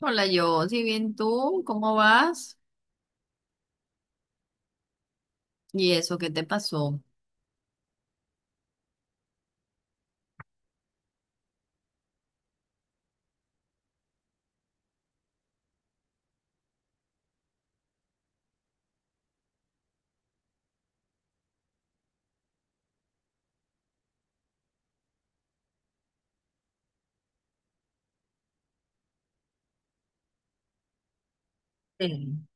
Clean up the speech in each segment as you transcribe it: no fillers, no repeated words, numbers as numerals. Hola, yo, si bien tú, ¿cómo vas? ¿Y eso qué te pasó? Sí,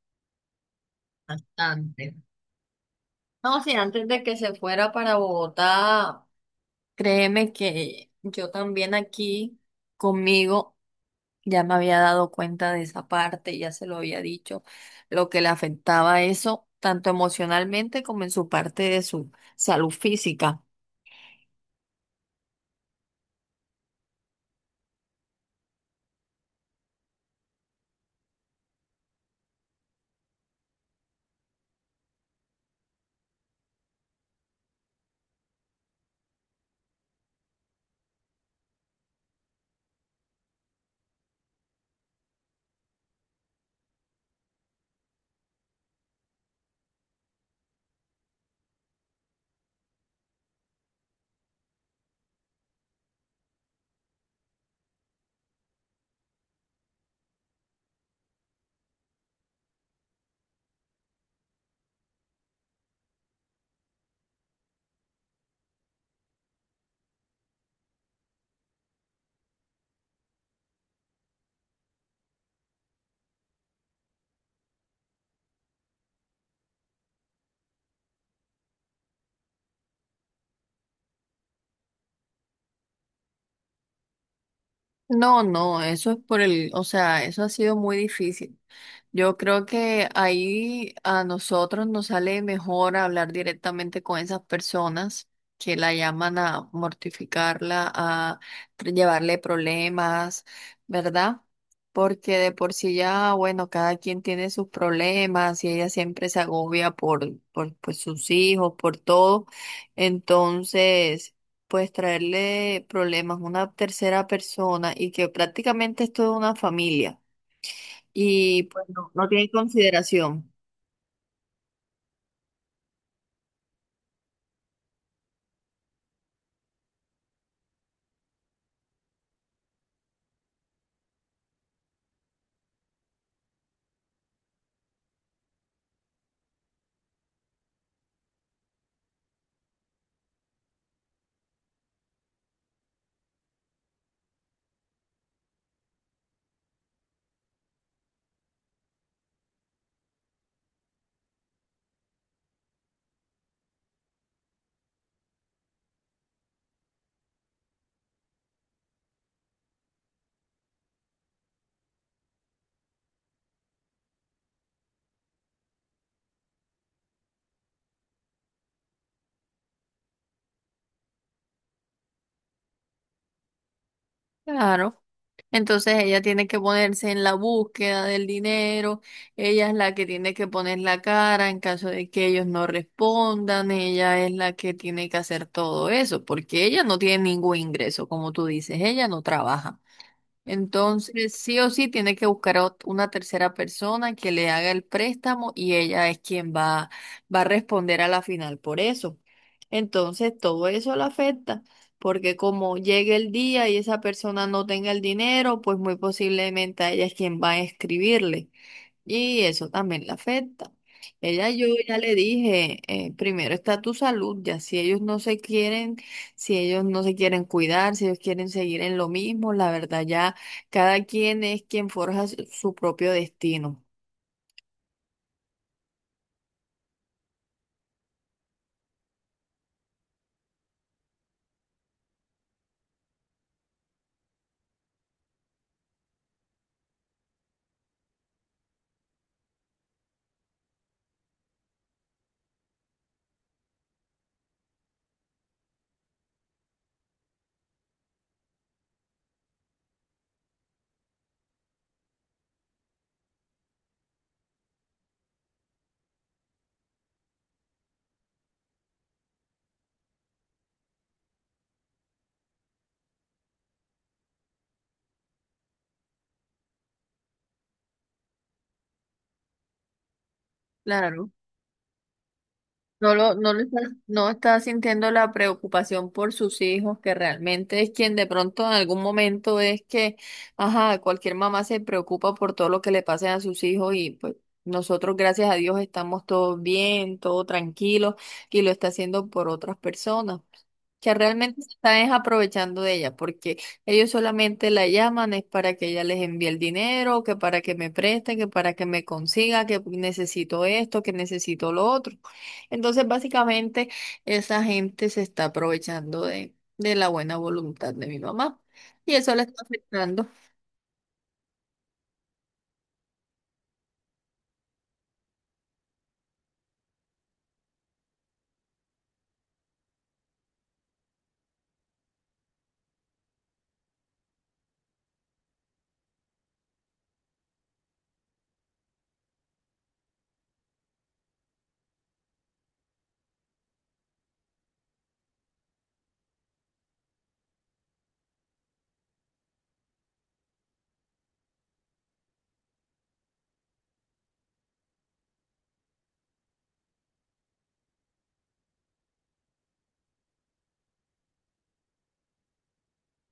bastante. No, sí, antes de que se fuera para Bogotá, créeme que yo también aquí conmigo ya me había dado cuenta de esa parte, ya se lo había dicho, lo que le afectaba eso, tanto emocionalmente como en su parte de su salud física. No, no, eso es por el, o sea, eso ha sido muy difícil. Yo creo que ahí a nosotros nos sale mejor hablar directamente con esas personas que la llaman a mortificarla, a llevarle problemas, ¿verdad? Porque de por sí ya, bueno, cada quien tiene sus problemas y ella siempre se agobia por pues, sus hijos, por todo. Entonces, pues traerle problemas a una tercera persona y que prácticamente es toda una familia y pues no, no tiene consideración. Claro. Entonces ella tiene que ponerse en la búsqueda del dinero, ella es la que tiene que poner la cara en caso de que ellos no respondan, ella es la que tiene que hacer todo eso, porque ella no tiene ningún ingreso, como tú dices, ella no trabaja. Entonces, sí o sí, tiene que buscar a una tercera persona que le haga el préstamo y ella es quien va, va a responder a la final por eso. Entonces, todo eso la afecta, porque como llegue el día y esa persona no tenga el dinero, pues muy posiblemente a ella es quien va a escribirle. Y eso también le afecta. Ella, yo ya le dije, primero está tu salud, ya si ellos no se quieren, si ellos no se quieren cuidar, si ellos quieren seguir en lo mismo, la verdad ya cada quien es quien forja su propio destino. Claro. No lo, no lo está, no está sintiendo la preocupación por sus hijos, que realmente es quien de pronto en algún momento es que, ajá, cualquier mamá se preocupa por todo lo que le pase a sus hijos y pues nosotros, gracias a Dios, estamos todos bien, todo tranquilo y lo está haciendo por otras personas que realmente se están es aprovechando de ella, porque ellos solamente la llaman es para que ella les envíe el dinero, que para que me preste, que para que me consiga, que necesito esto, que necesito lo otro. Entonces, básicamente, esa gente se está aprovechando de la buena voluntad de mi mamá y eso la está afectando.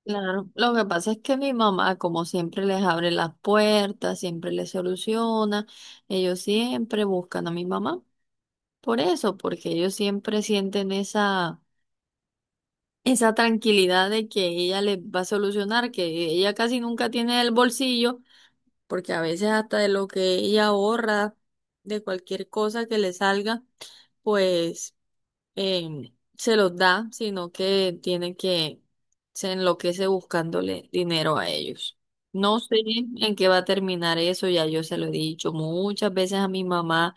Claro, lo que pasa es que mi mamá, como siempre, les abre las puertas, siempre les soluciona, ellos siempre buscan a mi mamá. Por eso, porque ellos siempre sienten esa, esa tranquilidad de que ella les va a solucionar, que ella casi nunca tiene el bolsillo, porque a veces hasta de lo que ella ahorra, de cualquier cosa que le salga, pues se los da, sino que tiene que se enloquece buscándole dinero a ellos. No sé en qué va a terminar eso, ya yo se lo he dicho muchas veces a mi mamá.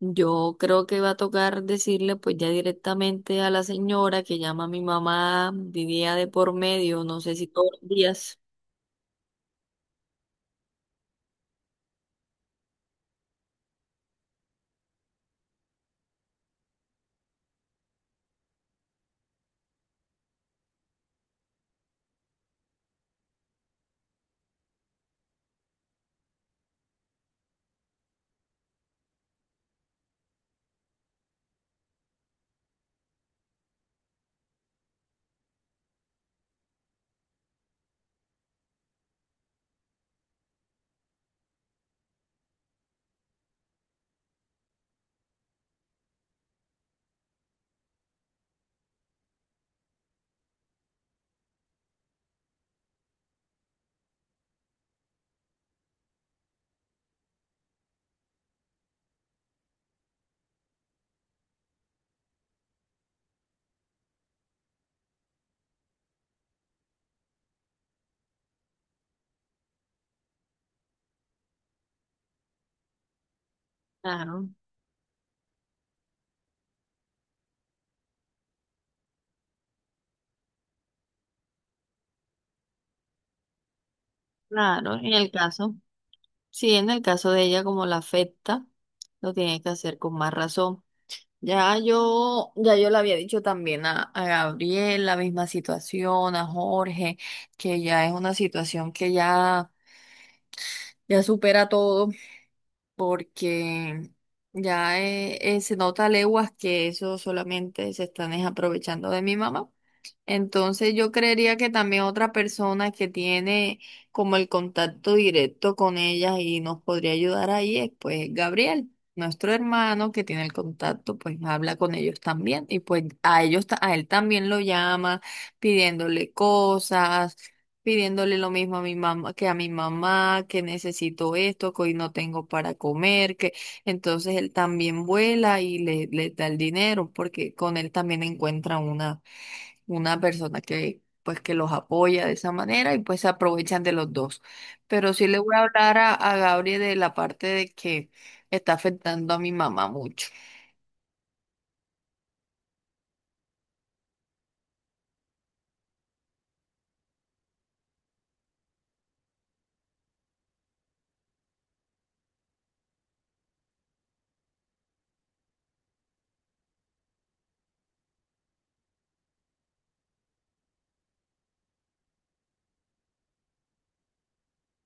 Yo creo que va a tocar decirle pues ya directamente a la señora que llama a mi mamá día de por medio, no sé si todos los días. Claro, claro, en el caso. Sí, en el caso de ella, como la afecta, lo tiene que hacer con más razón. Ya yo le había dicho también a Gabriel la misma situación, a Jorge, que ya es una situación que ya, ya supera todo, porque ya se nota a leguas que eso solamente se están es aprovechando de mi mamá. Entonces yo creería que también otra persona que tiene como el contacto directo con ellas y nos podría ayudar ahí es pues Gabriel, nuestro hermano que tiene el contacto, pues habla con ellos también y pues a ellos a él también lo llama pidiéndole cosas, pidiéndole lo mismo a mi mamá que a mi mamá, que necesito esto, que hoy no tengo para comer, que entonces él también vuela y le da el dinero porque con él también encuentran una persona que pues que los apoya de esa manera y pues se aprovechan de los dos. Pero sí le voy a hablar a Gabriel de la parte de que está afectando a mi mamá mucho.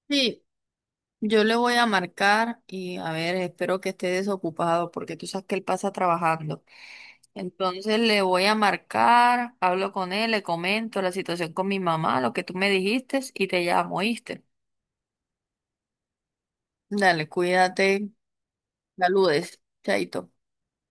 Sí, yo le voy a marcar y a ver, espero que esté desocupado porque tú sabes que él pasa trabajando. Entonces le voy a marcar, hablo con él, le comento la situación con mi mamá, lo que tú me dijiste y te llamo, ¿oíste? Dale, cuídate, saludes, chaito.